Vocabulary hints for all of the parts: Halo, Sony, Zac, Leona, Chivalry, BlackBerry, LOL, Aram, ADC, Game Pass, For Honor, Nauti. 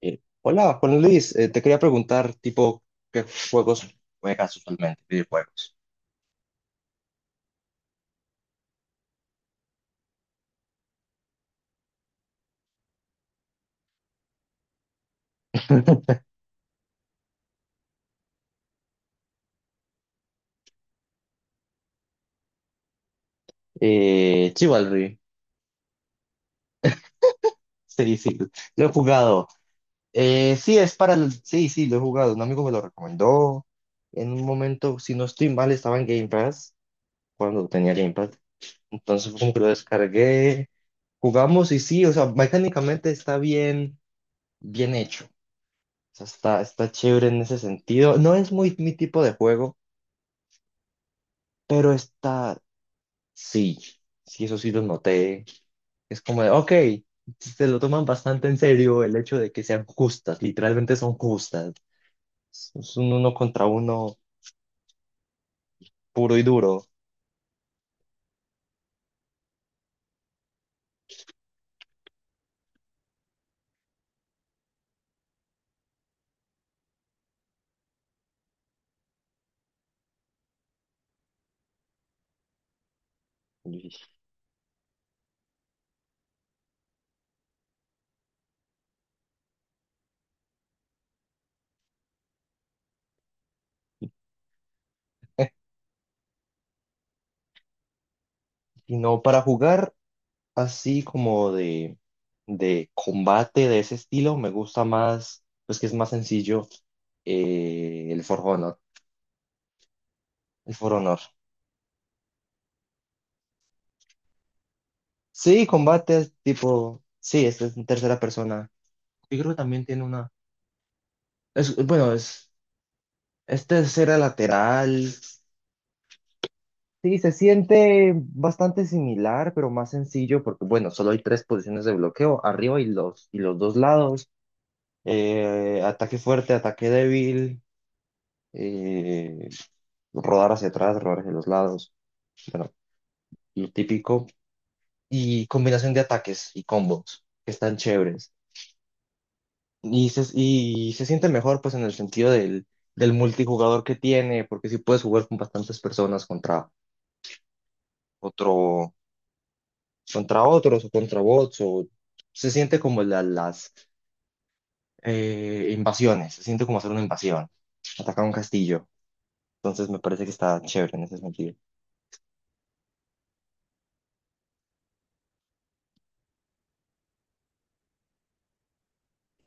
Hola, Juan Luis, te quería preguntar, tipo, ¿qué juegos juegas usualmente? Videojuegos. Chivalry, sí, lo he jugado. Sí, es para el- Sí, sí, lo he jugado. Un amigo me lo recomendó. En un momento, si no estoy mal, estaba en Game Pass, cuando tenía Game Pass. Entonces, como que lo descargué, jugamos y sí, o sea, mecánicamente está bien, bien hecho. O sea, está chévere en ese sentido. No es muy mi tipo de juego, pero está. Sí, sí, eso sí lo noté. Es como de, ok, se lo toman bastante en serio el hecho de que sean justas, literalmente son justas. Es un uno contra uno puro y duro. Y, y no, para jugar así como de combate de ese estilo, me gusta más, pues que es más sencillo, el For Honor. El For Honor. Sí, combate tipo, sí, este es en tercera persona. Yo creo que también tiene una, es, bueno, es. Este es era lateral. Sí, se siente bastante similar, pero más sencillo porque, bueno, solo hay tres posiciones de bloqueo, arriba y los dos lados. Ataque fuerte, ataque débil, eh, rodar hacia atrás, rodar hacia los lados. Bueno, lo típico. Y combinación de ataques y combos que están chéveres. Y se siente mejor, pues, en el sentido del, del multijugador que tiene, porque si puedes jugar con bastantes personas contra otro, contra otros o contra bots, o se siente como la- las invasiones, se siente como hacer una invasión, atacar un castillo. Entonces me parece que está chévere en ese sentido.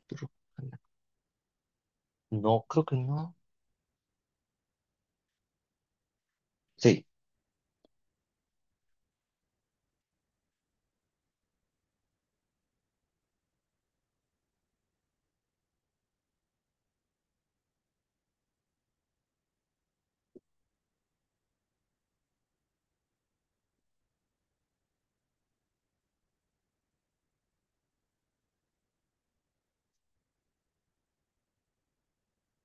Pero no, creo que no. Sí,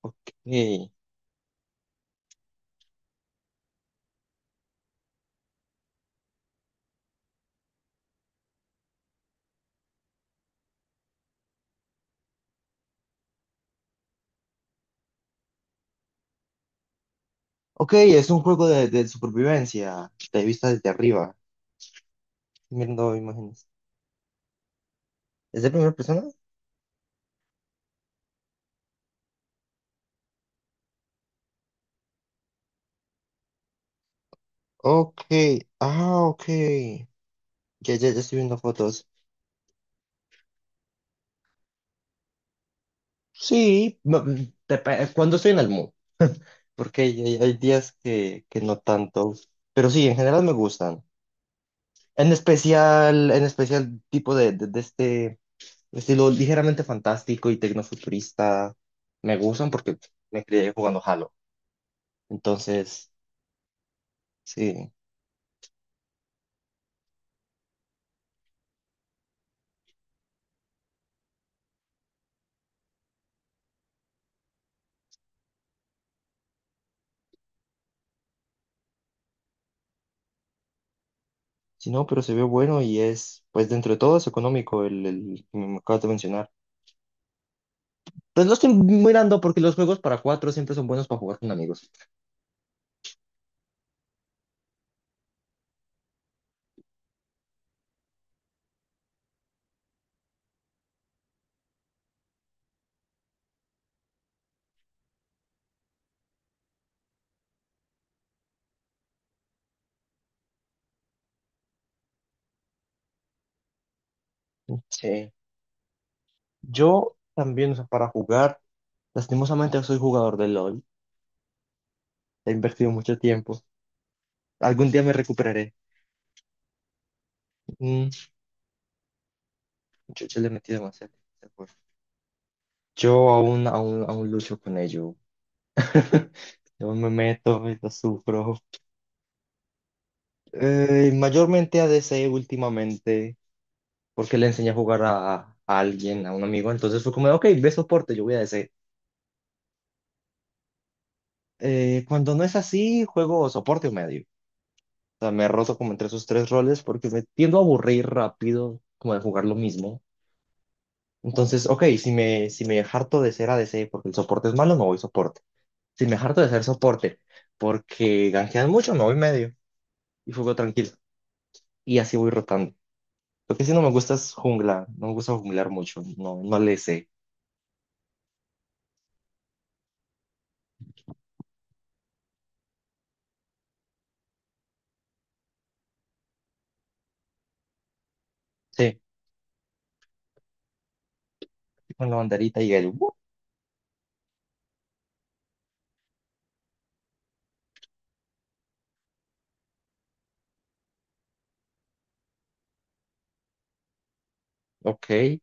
ok. Ok, es un juego de supervivencia, de vista desde arriba, mirando imágenes. ¿Es de primera persona? Ok, ah, ok. Ya, ya, ya estoy viendo fotos. Sí, no, dep- cuando estoy en el mood. Porque hay- hay días que no tanto, pero sí, en general me gustan. En especial tipo de este estilo ligeramente fantástico y tecnofuturista, me gustan porque me crié jugando Halo. Entonces, sí, sí, no, pero se ve bueno y es, pues dentro de todo es económico el que me acabas de mencionar. Pues lo estoy mirando porque los juegos para cuatro siempre son buenos para jugar con amigos. Sí, yo también, o sea, para jugar, lastimosamente soy jugador de LOL. He invertido mucho tiempo. Algún día me recuperaré. Mm, yo le metí demasiado esfuerzo. Yo aún lucho con ello. Yo me meto y lo sufro. Mayormente ADC últimamente, porque le enseñé a jugar a alguien, a un amigo. Entonces fue como, ok, ve soporte, yo voy a ADC. Cuando no es así, juego soporte o medio. O sea, me he roto como entre esos tres roles porque me tiendo a aburrir rápido, como de jugar lo mismo. Entonces, ok, si me harto de ser ADC porque el soporte es malo, me voy soporte. Si me harto de ser soporte porque ganjean mucho, me voy medio y juego tranquilo. Y así voy rotando. Lo que sí no me gusta es jungla. No me gusta junglar mucho. No, no le sé. Sí, con la banderita y el... ok.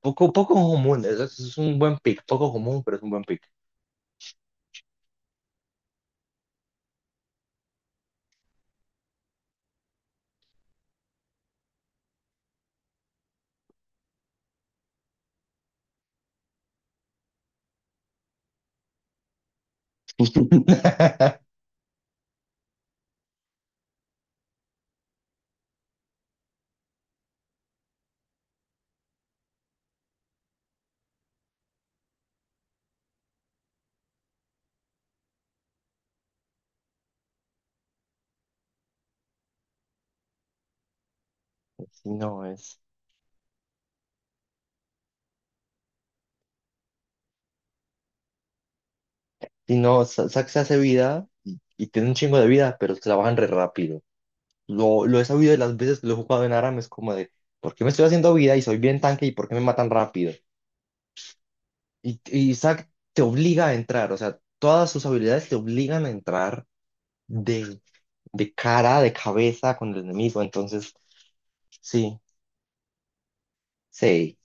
Poco, poco común. Es un buen pick. Poco común, pero es un buen pick. Si no es... Si no, Sa- Sax se hace vida y tiene un chingo de vida, pero se la bajan re rápido. Lo he sabido de las veces que lo he jugado en Aram, es como de, ¿por qué me estoy haciendo vida y soy bien tanque y por qué me matan rápido? Y Zac te obliga a entrar, o sea, todas sus habilidades te obligan a entrar de, de cara, de cabeza con el enemigo, entonces, sí, sí.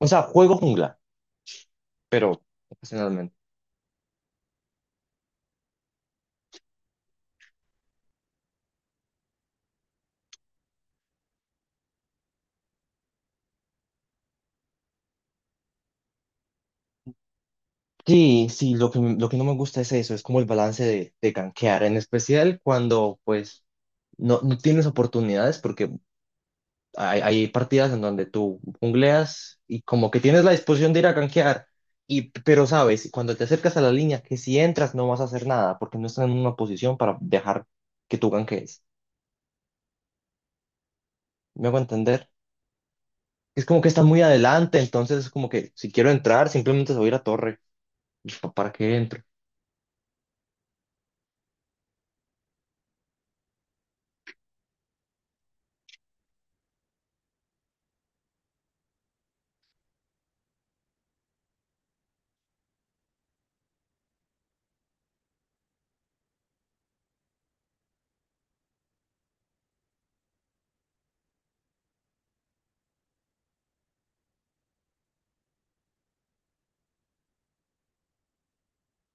O sea, juego jungla, pero ocasionalmente. Sí, sí, lo que no me gusta es eso, es como el balance de gankear, en especial cuando pues no, no tienes oportunidades, porque hay partidas en donde tú jungleas y como que tienes la disposición de ir a gankear, y, pero sabes, cuando te acercas a la línea, que si entras no vas a hacer nada porque no están en una posición para dejar que tú gankees. ¿Me hago entender? Es como que están muy adelante, entonces es como que si quiero entrar, simplemente se voy a ir a torre. ¿Y pa- ¿Para qué entro?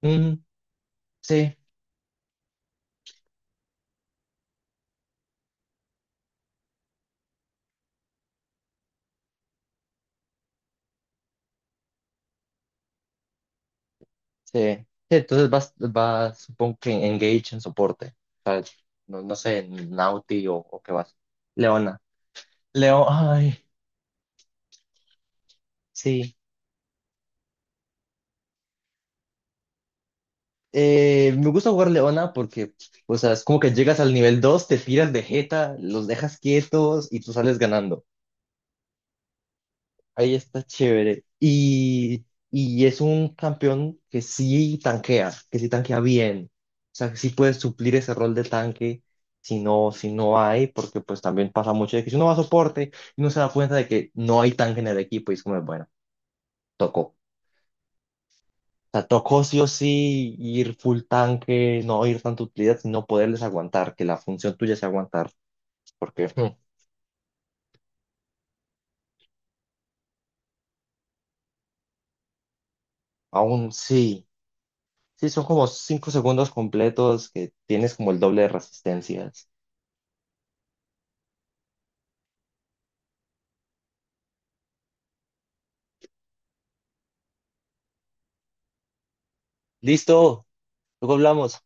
Mm, sí, sí. Sí, entonces vas, vas, supongo que en engage en soporte. O sea, no, no sé, en Nauti o qué vas. Leona. Leo, ay, sí. Me gusta jugar Leona porque, o sea, es como que llegas al nivel 2, te tiras de jeta, los dejas quietos y tú sales ganando. Ahí está chévere. Y es un campeón que sí tanquea bien. O sea, que sí puedes suplir ese rol de tanque si no, si no hay, porque pues también pasa mucho de que si uno va a soporte y no se da cuenta de que no hay tanque en el equipo y es como, bueno, tocó. Sea, tocó sí o sí ir full tanque, no ir tanta utilidad, sino poderles aguantar, que la función tuya sea aguantar, porque Mm. Aún sí, sí son como 5 segundos completos que tienes como el doble de resistencias. Listo, luego hablamos.